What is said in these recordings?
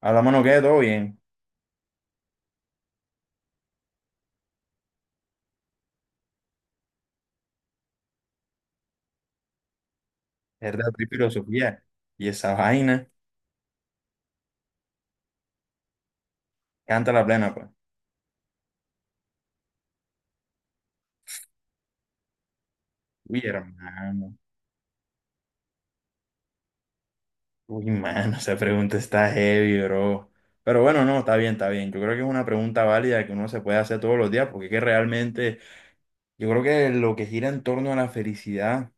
A la mano queda todo bien. Es de otra filosofía. Y esa vaina, canta la plena, pues. Uy, hermano. Uy, mano, esa pregunta está heavy, bro. Pero bueno, no, está bien, está bien. Yo creo que es una pregunta válida que uno se puede hacer todos los días, porque es que realmente, yo creo que lo que gira en torno a la felicidad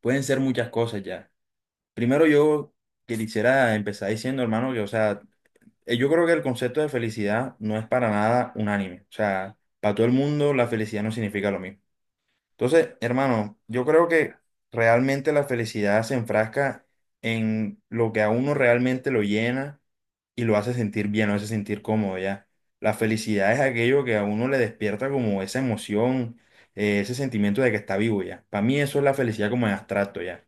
pueden ser muchas cosas ya. Primero, yo que quisiera empezar diciendo, hermano, que, o sea, yo creo que el concepto de felicidad no es para nada unánime. O sea, para todo el mundo la felicidad no significa lo mismo. Entonces, hermano, yo creo que realmente la felicidad se enfrasca en lo que a uno realmente lo llena y lo hace sentir bien, lo hace sentir cómodo ya. La felicidad es aquello que a uno le despierta como esa emoción, ese sentimiento de que está vivo ya. Para mí eso es la felicidad como en abstracto ya.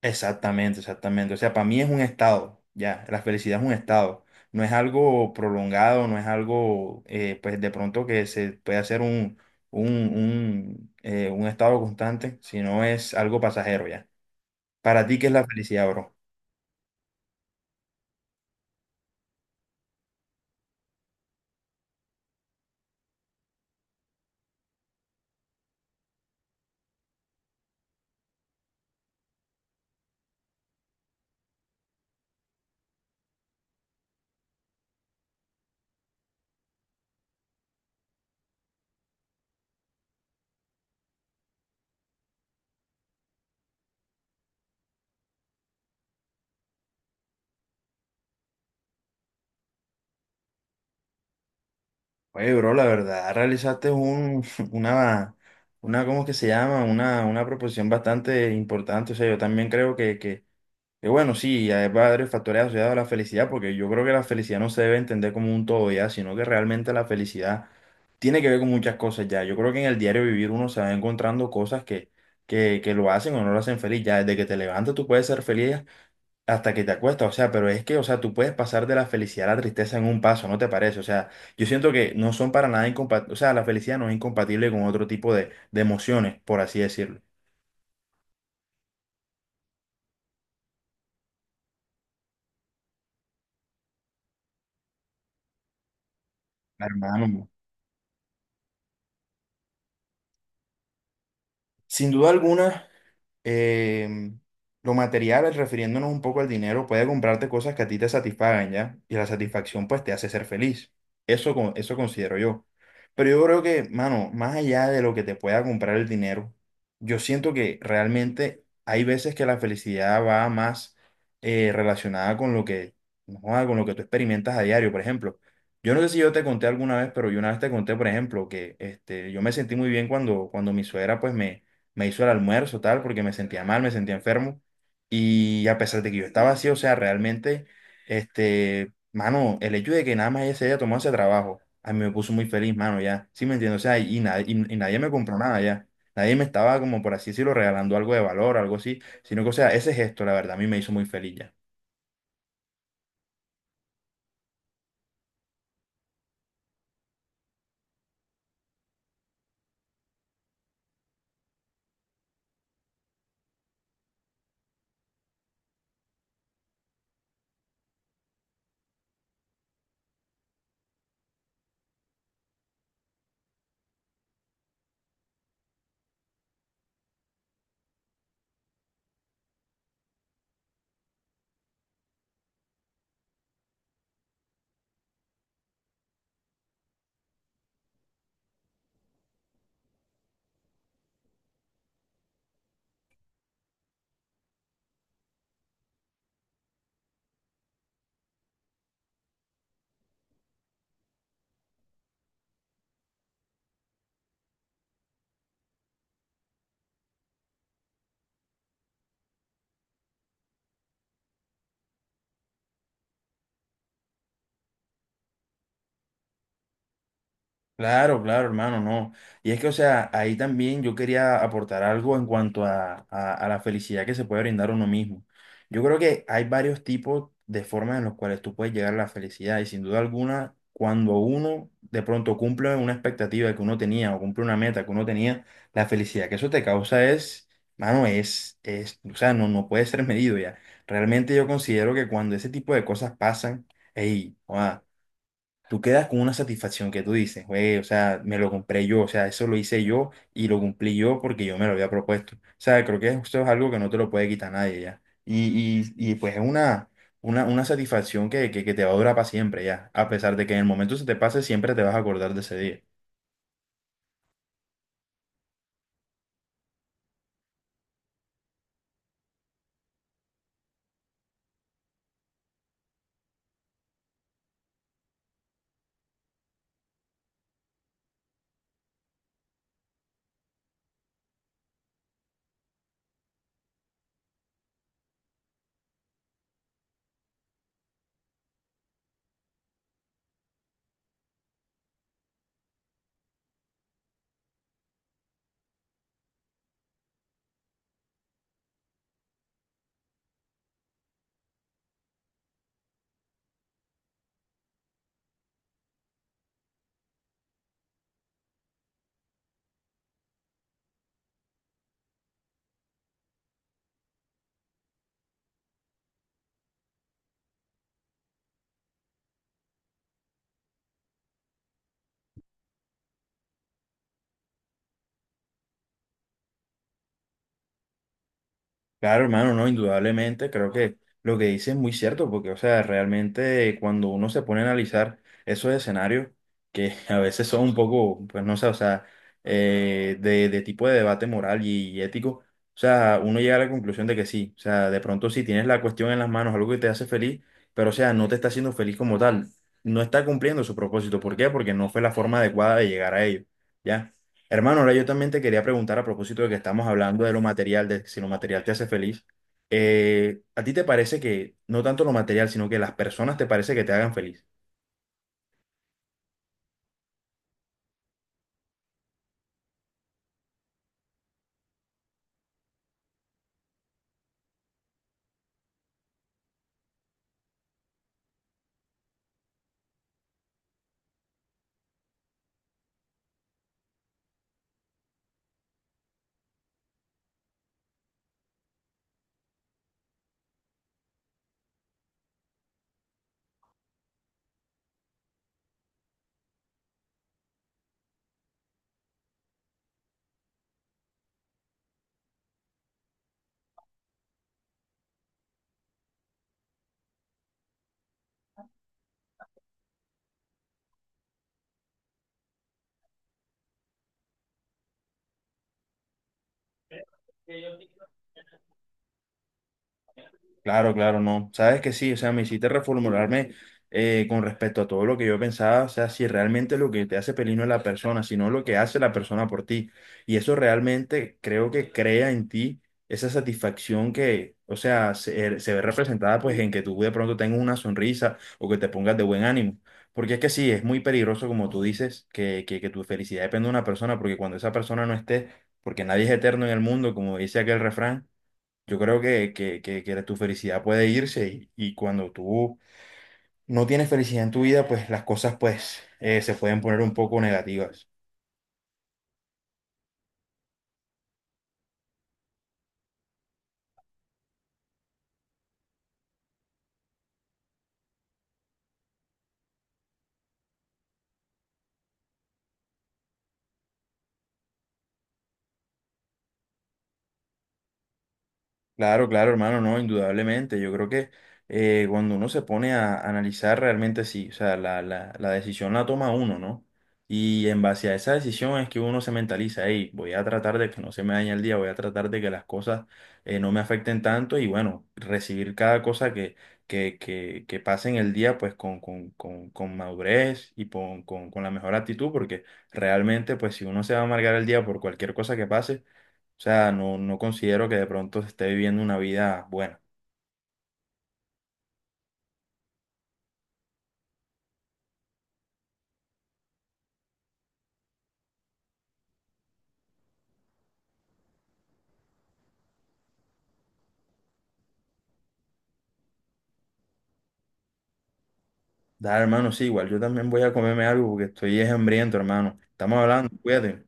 Exactamente, exactamente. O sea, para mí es un estado, ya, la felicidad es un estado. No es algo prolongado, no es algo, pues de pronto que se puede hacer un estado constante, sino es algo pasajero, ya. Para ti, ¿qué es la felicidad, bro? Oye, bro, la verdad, realizaste un, una, una, ¿cómo que se llama? Una proposición bastante importante. O sea, yo también creo que. Y bueno, sí, ya hay varios factores asociados a la felicidad, porque yo creo que la felicidad no se debe entender como un todo ya, sino que realmente la felicidad tiene que ver con muchas cosas ya. Yo creo que en el diario vivir uno se va encontrando cosas que lo hacen o no lo hacen feliz. Ya desde que te levantas tú puedes ser feliz hasta que te acuestas. O sea, pero es que, o sea, tú puedes pasar de la felicidad a la tristeza en un paso, ¿no te parece? O sea, yo siento que no son para nada incompatibles, o sea, la felicidad no es incompatible con otro tipo de emociones, por así decirlo. Hermano. Sin duda alguna, em, lo material, refiriéndonos un poco al dinero, puede comprarte cosas que a ti te satisfagan, ¿ya? Y la satisfacción, pues, te hace ser feliz. Eso, con- eso considero yo. Pero yo creo que, mano, más allá de lo que te pueda comprar el dinero, yo siento que realmente hay veces que la felicidad va más relacionada con lo que, no, con lo que tú experimentas a diario, por ejemplo. Yo no sé si yo te conté alguna vez, pero yo una vez te conté, por ejemplo, que este, yo me sentí muy bien cuando, cuando mi suegra, pues, me hizo el almuerzo, tal, porque me sentía mal, me sentía enfermo. Y a pesar de que yo estaba así, o sea, realmente, este, mano, el hecho de que nada más ella se haya tomado ese trabajo, a mí me puso muy feliz, mano, ya. ¿Sí me entiendes? O sea, y nadie me compró nada ya. Nadie me estaba, como por así decirlo, regalando algo de valor, algo así, sino que, o sea, ese gesto, la verdad, a mí me hizo muy feliz ya. Claro, claro, hermano, no. Y es que, o sea, ahí también yo quería aportar algo en cuanto a la felicidad que se puede brindar uno mismo. Yo creo que hay varios tipos de formas en las cuales tú puedes llegar a la felicidad y sin duda alguna, cuando uno de pronto cumple una expectativa que uno tenía o cumple una meta que uno tenía, la felicidad que eso te causa es, mano, es, o sea, no, no puede ser medido ya. Realmente yo considero que cuando ese tipo de cosas pasan, hey, tú quedas con una satisfacción que tú dices, güey, o sea, me lo compré yo, o sea, eso lo hice yo y lo cumplí yo porque yo me lo había propuesto. O sea, creo que esto es algo que no te lo puede quitar nadie ya. Y pues es una satisfacción que te va a durar para siempre ya. A pesar de que en el momento se te pase, siempre te vas a acordar de ese día. Claro, hermano, no, indudablemente, creo que lo que dice es muy cierto, porque, o sea, realmente cuando uno se pone a analizar esos escenarios, que a veces son un poco, pues no sé, o sea, de tipo de debate moral y ético, o sea, uno llega a la conclusión de que sí, o sea, de pronto si tienes la cuestión en las manos, algo que te hace feliz, pero, o sea, no te está haciendo feliz como tal, no está cumpliendo su propósito, ¿por qué? Porque no fue la forma adecuada de llegar a ello, ¿ya? Hermano, ahora yo también te quería preguntar a propósito de que estamos hablando de lo material, de si lo material te hace feliz. ¿ ¿A ti te parece que no tanto lo material, sino que las personas te parece que te hagan feliz? Claro, claro, no. Sabes que sí, o sea, me hiciste reformularme con respecto a todo lo que yo pensaba, o sea, si realmente lo que te hace feliz no es la persona, sino lo que hace la persona por ti. Y eso realmente creo que crea en ti esa satisfacción que, o sea, se ve representada pues en que tú de pronto tengas una sonrisa o que te pongas de buen ánimo. Porque es que sí, es muy peligroso, como tú dices, que tu felicidad depende de una persona, porque cuando esa persona no esté, porque nadie es eterno en el mundo, como dice aquel refrán. Yo creo que tu felicidad puede irse y cuando tú no tienes felicidad en tu vida, pues las cosas pues se pueden poner un poco negativas. Claro, claro, hermano, no, indudablemente. Yo creo que cuando uno se pone a analizar realmente sí, o sea, la decisión la toma uno, ¿no? Y en base a esa decisión es que uno se mentaliza, hey, voy a tratar de que no se me dañe el día, voy a tratar de que las cosas no me afecten tanto y bueno, recibir cada cosa que pase en el día pues con madurez y con la mejor actitud, porque realmente pues si uno se va a amargar el día por cualquier cosa que pase, o sea, no, no considero que de pronto se esté viviendo una vida buena. Da, hermano, sí, igual yo también voy a comerme algo porque estoy es hambriento, hermano. Estamos hablando, cuídate.